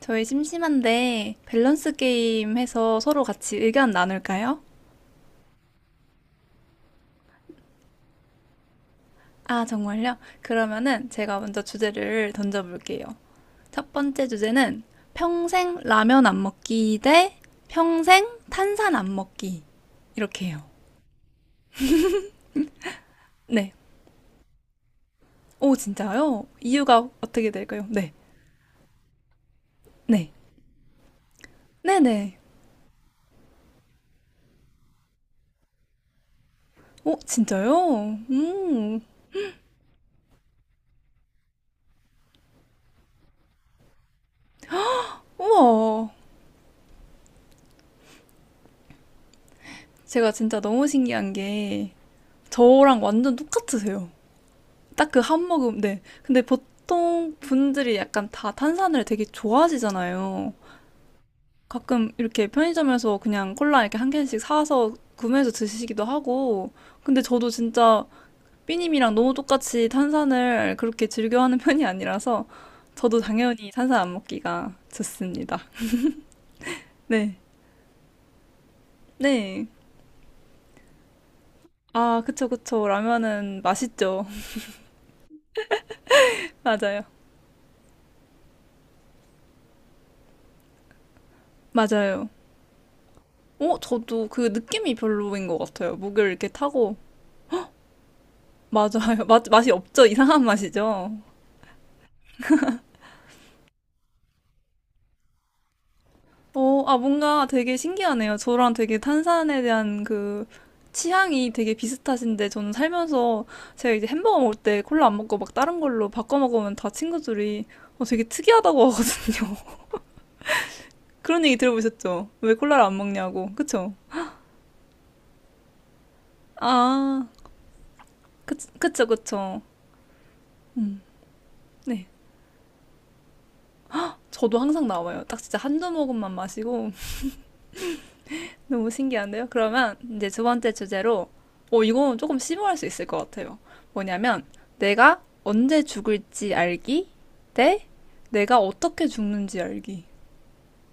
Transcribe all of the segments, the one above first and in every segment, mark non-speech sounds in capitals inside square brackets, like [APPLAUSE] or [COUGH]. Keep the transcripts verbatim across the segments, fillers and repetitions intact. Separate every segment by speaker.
Speaker 1: 저희 심심한데 밸런스 게임 해서 서로 같이 의견 나눌까요? 아, 정말요? 그러면은 제가 먼저 주제를 던져볼게요. 첫 번째 주제는 평생 라면 안 먹기 대 평생 탄산 안 먹기. 이렇게 해요. 네. 오, 진짜요? 이유가 어떻게 될까요? 네. 네. 네네. 오, 진짜요? 음. 우와. 제가 진짜 너무 신기한 게 저랑 완전 똑같으세요. 딱 그 한 모금, 네. 근데 보통 분들이 약간 다 탄산을 되게 좋아하시잖아요. 가끔 이렇게 편의점에서 그냥 콜라 이렇게 한 캔씩 사서 구매해서 드시기도 하고. 근데 저도 진짜 삐님이랑 너무 똑같이 탄산을 그렇게 즐겨하는 [LAUGHS] 편이 아니라서 저도 당연히 탄산 안 먹기가 좋습니다. 네. 네. 아, 그쵸, 그쵸. 라면은 맛있죠. [LAUGHS] 맞아요. 맞아요. 어, 저도 그 느낌이 별로인 것 같아요. 목을 이렇게 타고 맞아요. 맛, 맛이 없죠? 이상한 맛이죠? 어, 아, 뭔가 되게 신기하네요. 저랑 되게 탄산에 대한 그 취향이 되게 비슷하신데 저는 살면서 제가 이제 햄버거 먹을 때 콜라 안 먹고 막 다른 걸로 바꿔 먹으면 다 친구들이 어, 되게 특이하다고 하거든요. [LAUGHS] 그런 얘기 들어보셨죠? 왜 콜라를 안 먹냐고. 그쵸? 아, 그, 그쵸, 그쵸. 음, 네. 저도 항상 나와요. 딱 진짜 한두 모금만 마시고 너무 신기한데요? 그러면 이제 두 번째 주제로, 어, 이건 조금 심오할 수 있을 것 같아요. 뭐냐면, 내가 언제 죽을지 알기 대 내가 어떻게 죽는지 알기.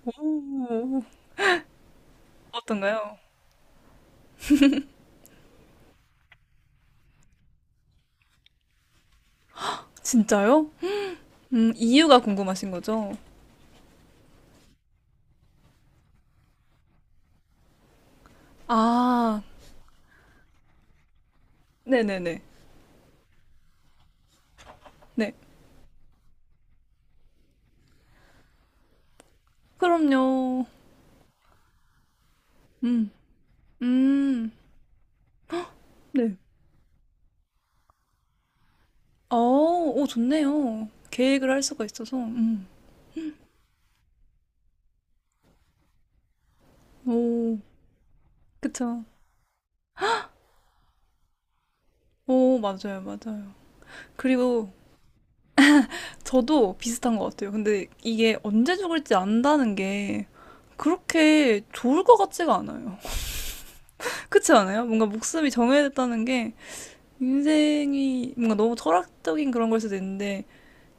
Speaker 1: 오, 어떤가요? 진짜요? 음, 이유가 궁금하신 거죠? 아, 네네네. 네. 그럼요. 음, 음, 네. 어, 오, 좋네요. 계획을 할 수가 있어서, 음, 오, 그쵸. 오, 맞아요, 맞아요. 그리고 저도 비슷한 것 같아요. 근데 이게 언제 죽을지 안다는 게 그렇게 좋을 것 같지가 않아요. [LAUGHS] 그렇지 않아요? 뭔가 목숨이 정해졌다는 게 인생이 뭔가 너무 철학적인 그런 걸 수도 있는데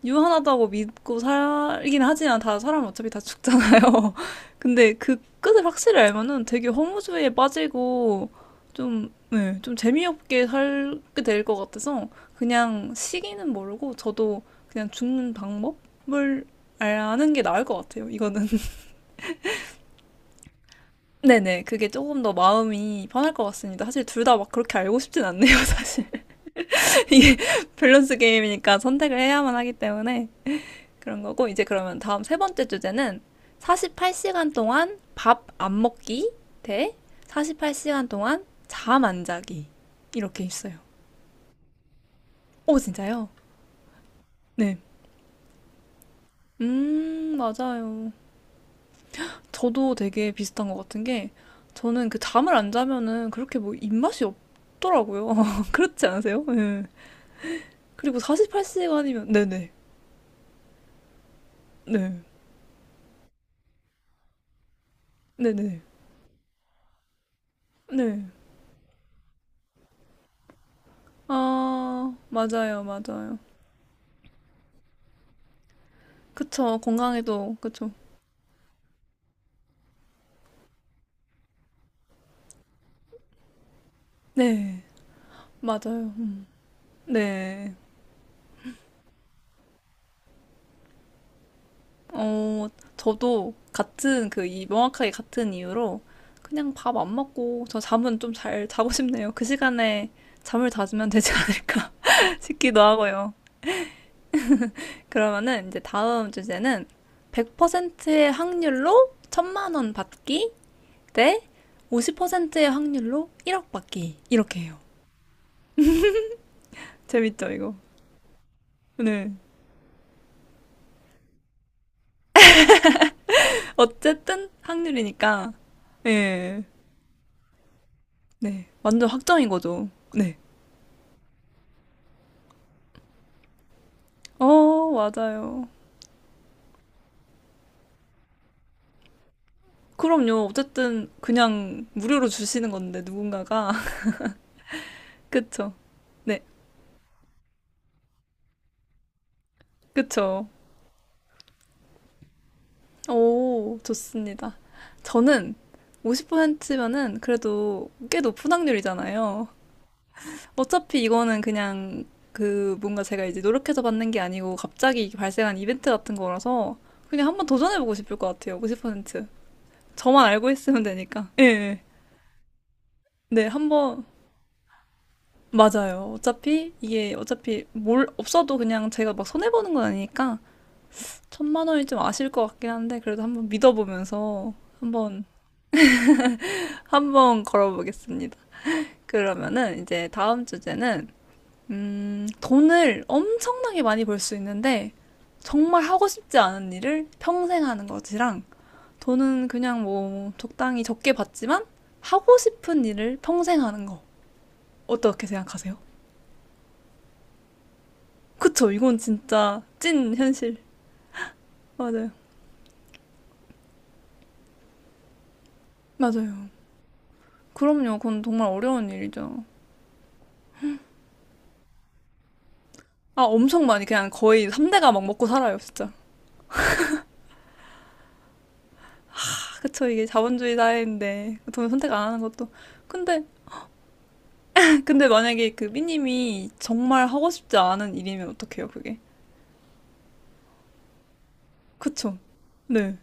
Speaker 1: 유한하다고 믿고 살긴 하지만 다 사람 어차피 다 죽잖아요. [LAUGHS] 근데 그 끝을 확실히 알면은 되게 허무주의에 빠지고 좀, 네, 좀 재미없게 살게 될 것 같아서 그냥 시기는 모르고 저도 그냥 죽는 방법을 아는 게 나을 것 같아요. 이거는. [LAUGHS] 네네. 그게 조금 더 마음이 편할 것 같습니다. 사실 둘 다 막 그렇게 알고 싶진 않네요, 사실. [LAUGHS] 이게 밸런스 게임이니까 선택을 해야만 하기 때문에. 그런 거고, 이제 그러면 다음 세 번째 주제는 사십팔 시간 동안 밥 안 먹기 대 사십팔 시간 동안 잠 안 자기. 이렇게 있어요. 오, 진짜요? 네. 음, 맞아요. 저도 되게 비슷한 것 같은 게, 저는 그 잠을 안 자면은 그렇게 뭐 입맛이 없더라고요. [LAUGHS] 그렇지 않으세요? 네. 그리고 사십팔 시간이면, 네네. 네. 네네. 네. 네, 네. 네. 아, 맞아요, 맞아요. 그쵸, 건강에도, 그쵸. 네. 맞아요. 네. 어, 저도 같은 그 이 명확하게 같은 이유로 그냥 밥 안 먹고 저 잠은 좀 잘 자고 싶네요. 그 시간에 잠을 자주면 되지 않을까 [LAUGHS] 싶기도 하고요. 그러면은 이제 다음 주제는 백 퍼센트의 확률로 천만 원 받기 대 오십 퍼센트의 확률로 일억 받기. 이렇게 해요. 재밌죠, 이거? 네. 어쨌든 확률이니까. 예. 네. 완전 확정인 거죠. 네. 어, 맞아요. 그럼요. 어쨌든 그냥 무료로 주시는 건데 누군가가 [LAUGHS] 그쵸? 네, 그쵸? 오, 좋습니다. 저는 오십 퍼센트면은 그래도 꽤 높은 확률이잖아요. 어차피 이거는 그냥 그 뭔가 제가 이제 노력해서 받는 게 아니고 갑자기 발생한 이벤트 같은 거라서 그냥 한번 도전해보고 싶을 것 같아요. 오십 퍼센트. 저만 알고 있으면 되니까. 예. 예. 네, 한번 맞아요. 어차피 이게 어차피 뭘 없어도 그냥 제가 막 손해 보는 건 아니니까 천만 원이 좀 아실 것 같긴 한데 그래도 한번 믿어보면서 한번 한번 걸어보겠습니다. 그러면은 이제 다음 주제는 음, 돈을 엄청나게 많이 벌 수 있는데 정말 하고 싶지 않은 일을 평생 하는 것이랑 돈은 그냥 뭐 적당히 적게 받지만 하고 싶은 일을 평생 하는 거 어떻게 생각하세요? 그쵸? 이건 진짜 찐 현실. 맞아요. 맞아요. 그럼요. 그건 정말 어려운 일이죠. 아, 엄청 많이 그냥 거의 삼 대가 막 먹고 살아요, 진짜. 아, 그쵸. 이게 자본주의 사회인데 돈 선택 안 하는 것도. 근데 [LAUGHS] 근데 만약에 그 삐님이 정말 하고 싶지 않은 일이면 어떡해요, 그게? 그쵸. 네.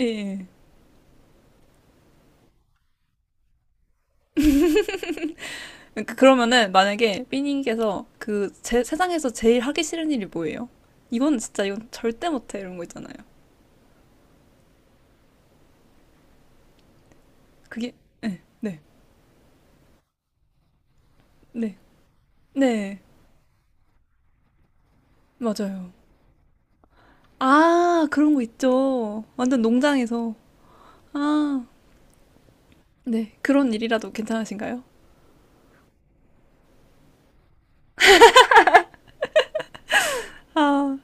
Speaker 1: 예, 예. 그러니까 그러면은 만약에 삐님께서 그 제, 세상에서 제일 하기 싫은 일이 뭐예요? 이건 진짜 이건 절대 못해 이런 거 있잖아요. 그게 네, 네, 네, 네, 맞아요. 아, 그런 거 있죠. 완전 농장에서. 아, 네. 그런 일이라도 괜찮으신가요? 아,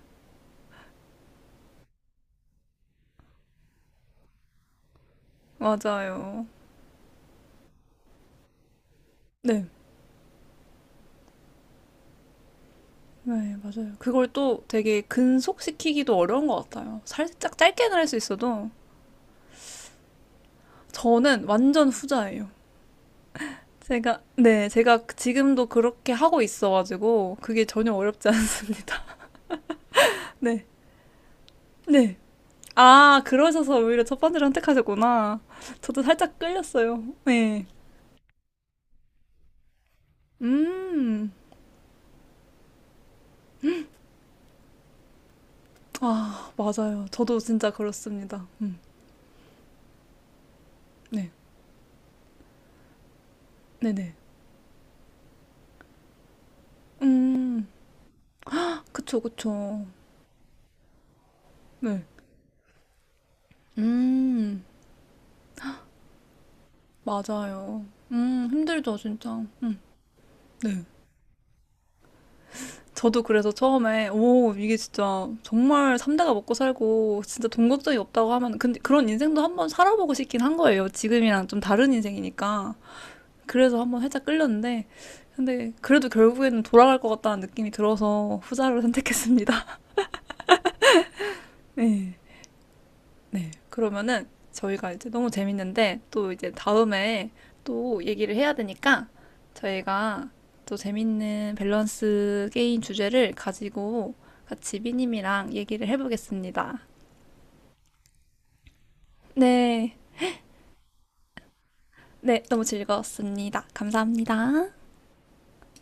Speaker 1: 맞아요. 네. 네, 맞아요. 그걸 또 되게 근속시키기도 어려운 것 같아요. 살짝 짧게는 할 수 있어도 저는 완전 후자예요. 제가, 네, 제가 지금도 그렇게 하고 있어가지고 그게 전혀 어렵지 않습니다. [LAUGHS] 네. 네. 아, 그러셔서 오히려 첫 번째를 선택하셨구나. 저도 살짝 끌렸어요. 네. 음. 아, 맞아요. 저도 진짜 그렇습니다. 음, 네. 네네. 음, 그쵸, 그쵸. 네. 음, 맞아요. 음, 힘들죠, 진짜. 음, 네. 저도 그래서 처음에, 오, 이게 진짜 정말 삼대가 먹고 살고, 진짜 돈 걱정이 없다고 하면, 근데 그런 인생도 한번 살아보고 싶긴 한 거예요. 지금이랑 좀 다른 인생이니까. 그래서 한번 살짝 끌렸는데, 근데 그래도 결국에는 돌아갈 것 같다는 느낌이 들어서 후자를 선택했습니다. [LAUGHS] 네. 네. 그러면은 저희가 이제 너무 재밌는데 또 이제 다음에 또 얘기를 해야 되니까 저희가 또 재밌는 밸런스 게임 주제를 가지고 같이 비님이랑 얘기를 해보겠습니다. 네. 네. 너무 즐거웠습니다. 감사합니다.